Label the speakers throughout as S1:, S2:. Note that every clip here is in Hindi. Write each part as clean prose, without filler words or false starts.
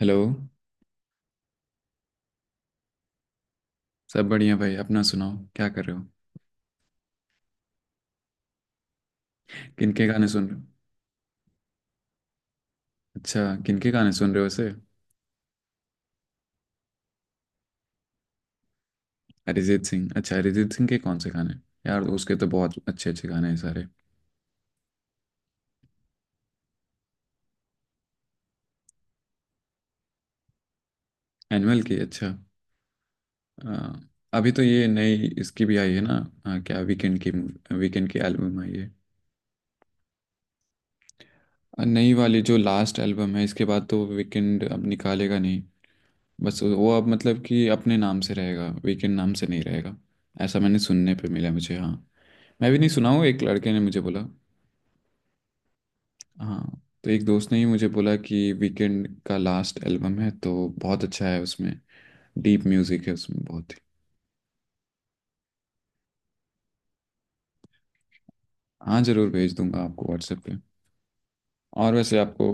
S1: हेलो। सब बढ़िया भाई। अपना सुनाओ, क्या कर रहे हो? किनके गाने सुन रहे हो? अच्छा, किनके गाने सुन रहे हो वैसे? अरिजीत सिंह, अच्छा। अरिजीत सिंह के कौन से गाने? यार उसके तो बहुत अच्छे अच्छे गाने हैं सारे। एनुअल के, अच्छा। अ, अभी तो ये नई इसकी भी आई है ना। क्या वीकेंड की? वीकेंड की एल्बम आई है। नई वाली जो लास्ट एल्बम है, इसके बाद तो वीकेंड अब निकालेगा नहीं। बस वो अब मतलब कि अपने नाम से रहेगा, वीकेंड नाम से नहीं रहेगा। ऐसा मैंने सुनने पे मिला मुझे। हाँ, मैं भी नहीं सुना हूँ, एक लड़के ने मुझे बोला। हाँ, तो एक दोस्त ने ही मुझे बोला कि वीकेंड का लास्ट एल्बम है तो बहुत अच्छा है उसमें। डीप म्यूजिक है उसमें बहुत ही। हाँ जरूर भेज दूंगा आपको व्हाट्सएप पे। और वैसे आपको।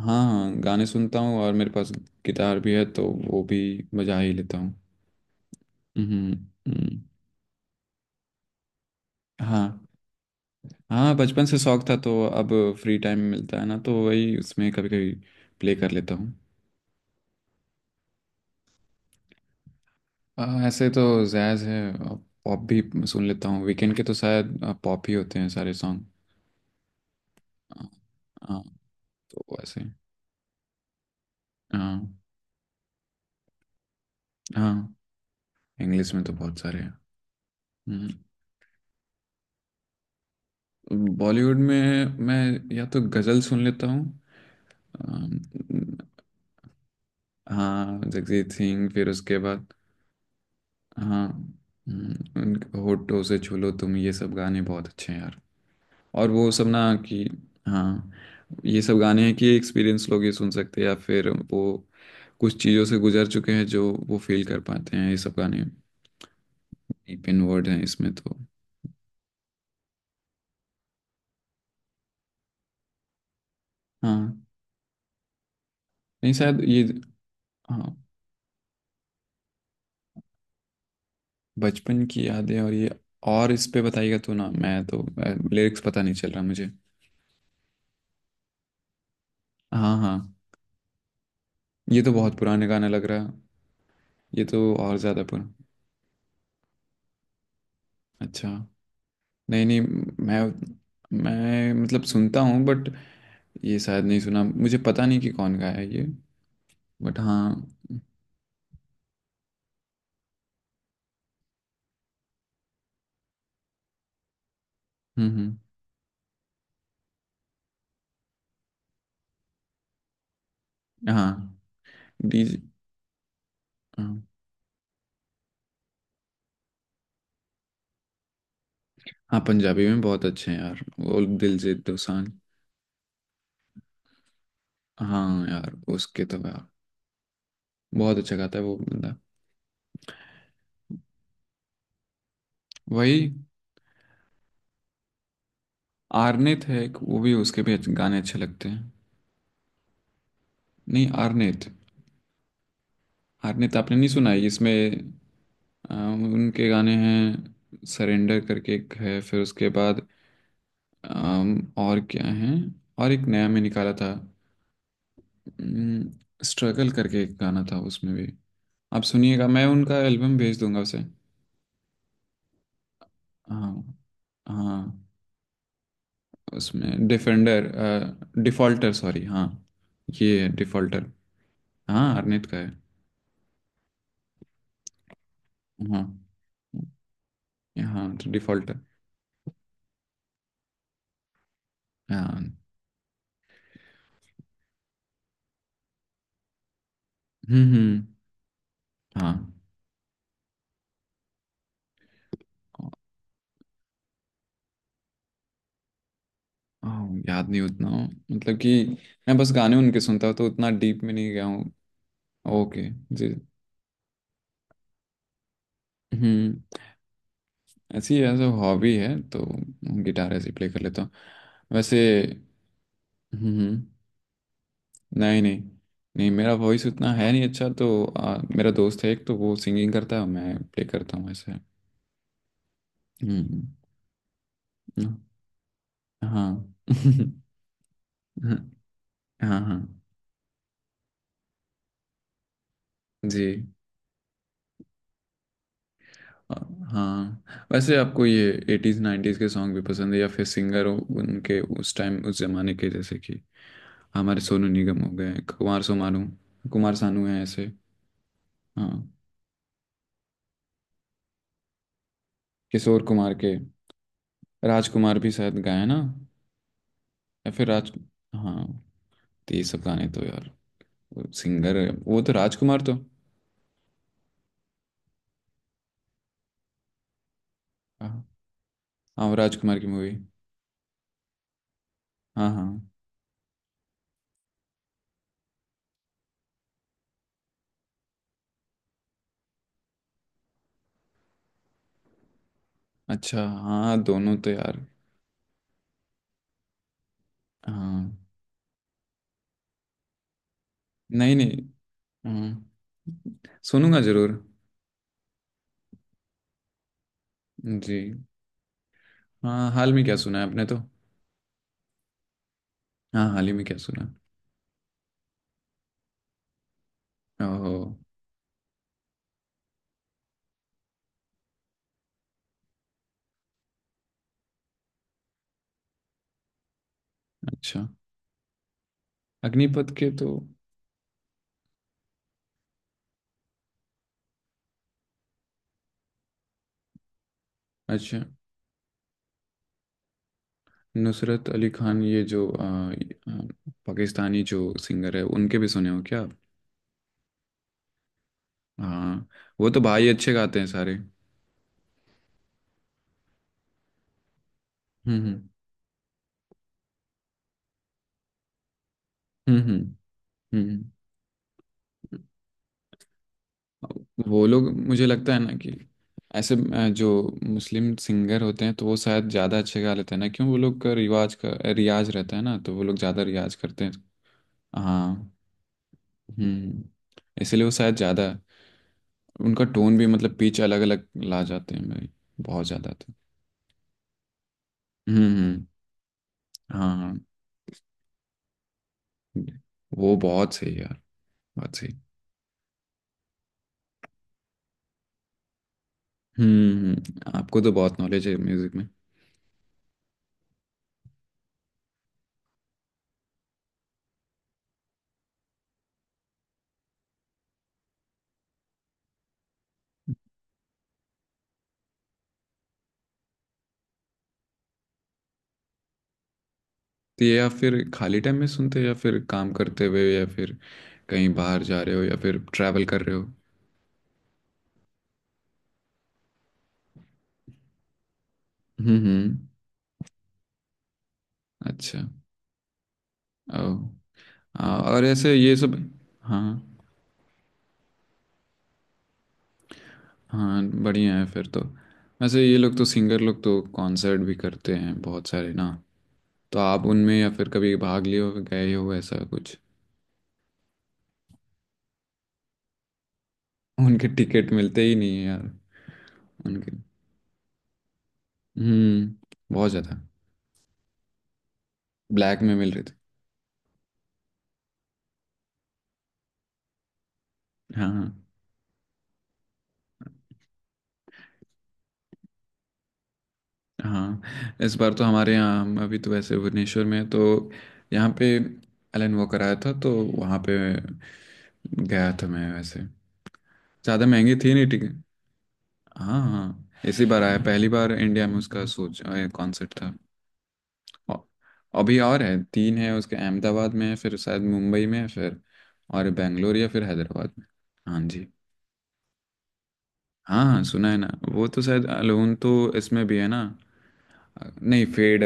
S1: हाँ हाँ, गाने सुनता हूँ। और मेरे पास गिटार भी है, तो वो भी बजा ही लेता हूँ। हम्म। हम्म, हाँ। हाँ, बचपन से शौक था, तो अब फ्री टाइम मिलता है ना तो वही, उसमें कभी कभी प्ले कर लेता हूँ। ऐसे तो जैज़ है। पॉप भी सुन लेता हूँ। वीकेंड के तो शायद पॉप ही होते हैं सारे सॉन्ग। हाँ। हाँ, तो वैसे। हाँ। हाँ, इंग्लिश में तो बहुत सारे हैं। हम्म, बॉलीवुड में मैं या तो गजल सुन लेता हूँ। अम, हाँ, जगजीत सिंह। फिर उसके बाद हाँ। उन होठों से छू लो तुम, ये सब गाने बहुत अच्छे हैं यार। और वो सब ना कि हाँ, ये सब गाने हैं कि एक्सपीरियंस लोग ये सुन सकते हैं, या फिर वो कुछ चीज़ों से गुजर चुके हैं जो वो फील कर पाते हैं ये सब गाने। डीप इन वर्ड हैं इसमें तो। हाँ, नहीं शायद ये। हाँ, बचपन की यादें और ये, और इस पे बताइएगा तो ना, मैं तो लिरिक्स पता नहीं चल रहा मुझे। हाँ हाँ, ये तो बहुत पुराने गाना लग रहा। ये तो और ज़्यादा पुराना। अच्छा। नहीं नहीं। मैं, मैं मतलब सुनता हूँ बट ये शायद नहीं सुना। मुझे पता नहीं कि कौन गाया है ये। बट हाँ। हम्म। हाँ। डीजे। हाँ। हाँ, पंजाबी में बहुत अच्छे हैं यार वो दिलजीत दोसांझ। हाँ यार उसके तो यार बहुत अच्छा गाता है वो बंदा। वही आर्नेत है एक, वो भी, उसके भी अच्छे- गाने अच्छे लगते हैं। नहीं, आर्नेत। आर्नेत आपने नहीं सुना है इसमें? उनके गाने हैं, सरेंडर करके एक है। फिर उसके बाद और क्या है, और एक नया में निकाला था, स्ट्रगल करके एक गाना था उसमें भी। आप सुनिएगा, मैं उनका एल्बम भेज दूंगा उसे। हाँ। हाँ, उसमें डिफेंडर, डिफॉल्टर सॉरी, हाँ। ये है डिफॉल्टर। हाँ, आर्नेत का है। हाँ हाँ, तो डिफॉल्टर। हाँ। हम्म। हाँ। हाँ। याद नहीं उतना, मतलब कि मैं बस गाने उनके सुनता हूँ तो उतना डीप में नहीं गया हूँ। ओके। जी। हम्म। ऐसी एज अ हॉबी है तो गिटार ऐसे प्ले कर लेता हूँ वैसे। हम्म हम्म। नहीं नहीं। नहीं, मेरा वॉइस उतना है नहीं अच्छा, तो मेरा दोस्त है एक, तो वो सिंगिंग करता है, मैं प्ले करता हूँ ऐसे। हम्म। हाँ। हाँ हाँ। जी। हाँ, वैसे आपको ये एटीज नाइन्टीज के सॉन्ग भी पसंद है, या फिर सिंगर हो उनके उस टाइम उस जमाने के, जैसे कि हमारे सोनू निगम हो गए, कुमार सोमानू, कुमार सानू है ऐसे। हाँ। किशोर कुमार के, राजकुमार भी शायद गाए हैं ना, या फिर राज। हाँ, तो ये सब गाने तो यार, सिंगर, वो तो राजकुमार तो। हाँ। हाँ, वो राजकुमार की मूवी। हाँ हाँ। अच्छा हाँ, दोनों तो यार। हाँ। नहीं नहीं। हाँ, सुनूंगा जरूर। जी। हाँ, हाल में क्या सुना है आपने तो? हाँ, हाल ही में क्या सुना? है ओहो। अच्छा। अग्निपथ के तो। अच्छा। नुसरत अली खान, ये जो आ, आ, पाकिस्तानी जो सिंगर है, उनके भी सुने हो क्या आप? हाँ। वो तो भाई अच्छे गाते हैं सारे। हम्म हम्म। हम्म। हम्म। वो लोग मुझे लगता है ना कि ऐसे जो मुस्लिम सिंगर होते हैं तो वो शायद ज़्यादा अच्छे गा लेते हैं ना, क्यों, वो लोग का रिवाज का रियाज रहता है ना तो वो लोग ज़्यादा रियाज करते हैं। हाँ। हम्म। इसलिए वो शायद ज़्यादा, उनका टोन भी मतलब पिच अलग अलग ला जाते हैं भाई, बहुत ज़्यादा तो। हम्म हम्म, हाँ हाँ। वो बहुत सही यार, बहुत सही। आपको तो बहुत नॉलेज है म्यूज़िक में। तो ये आप फिर खाली टाइम में सुनते हो, या फिर काम करते हुए, या फिर कहीं बाहर जा रहे हो, या फिर ट्रैवल कर रहे हो? हम्म हम्म, अच्छा। ओ। और ऐसे ये सब। हाँ। हाँ बढ़िया है फिर तो। वैसे ये लोग तो, सिंगर लोग तो कॉन्सर्ट भी करते हैं बहुत सारे ना, तो आप उनमें या फिर कभी भाग लिए हो, गए हो, ऐसा कुछ? उनके टिकट मिलते ही नहीं है यार। उनके। हम्म। बहुत ज़्यादा। ब्लैक में मिल रहे थे। हाँ। हाँ, इस बार तो हमारे यहाँ, हम अभी तो वैसे भुवनेश्वर में हैं, तो यहाँ पे एलन वॉकर आया था, तो वहाँ पे गया था मैं वैसे। ज़्यादा महंगी थी नहीं टिकट। हाँ हाँ, इसी बार आया पहली बार इंडिया में उसका सोच कॉन्सर्ट था। औ- अभी और है, तीन है उसके। अहमदाबाद में है, फिर शायद मुंबई में है, फिर और बेंगलोर या फिर हैदराबाद में। हाँ जी। हाँ हाँ, सुना है ना। वो तो शायद अलोन तो इसमें भी है ना। नहीं, फेड,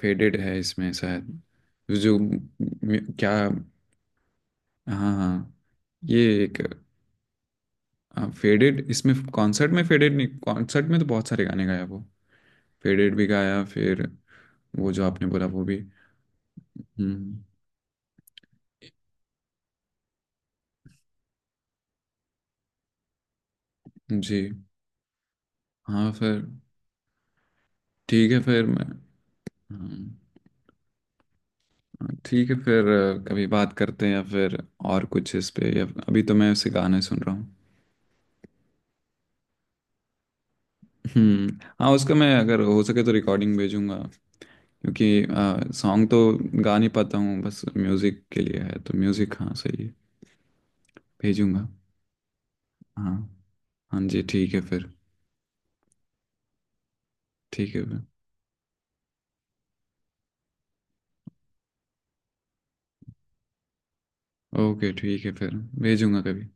S1: फेडेड है इसमें शायद। जो क्या। हाँ हाँ, ये एक। फेडेड इसमें कॉन्सर्ट में, फेडेड नहीं, कॉन्सर्ट में तो बहुत सारे गाने गाया वो। फेडेड भी गाया, फिर वो जो आपने बोला वो भी। हम्म। जी। हाँ फिर ठीक है, फिर मैं, हाँ, ठीक है फिर। कभी बात करते हैं या फिर और कुछ इस पे। या अभी तो मैं उसे गाने सुन रहा हूँ। हम्म। हाँ, उसका मैं अगर हो सके तो रिकॉर्डिंग भेजूंगा, क्योंकि सॉन्ग तो गा नहीं पाता हूँ, बस म्यूज़िक के लिए है तो म्यूज़िक। हाँ सही है, भेजूंगा। हाँ। हाँ जी, ठीक है फिर। ठीक है फिर। ओके ठीक है फिर। भेजूंगा कभी।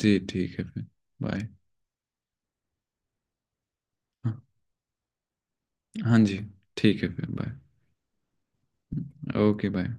S1: जी ठीक है फिर। बाय। हाँ। हाँ जी। ठीक है फिर, बाय। Okay bye.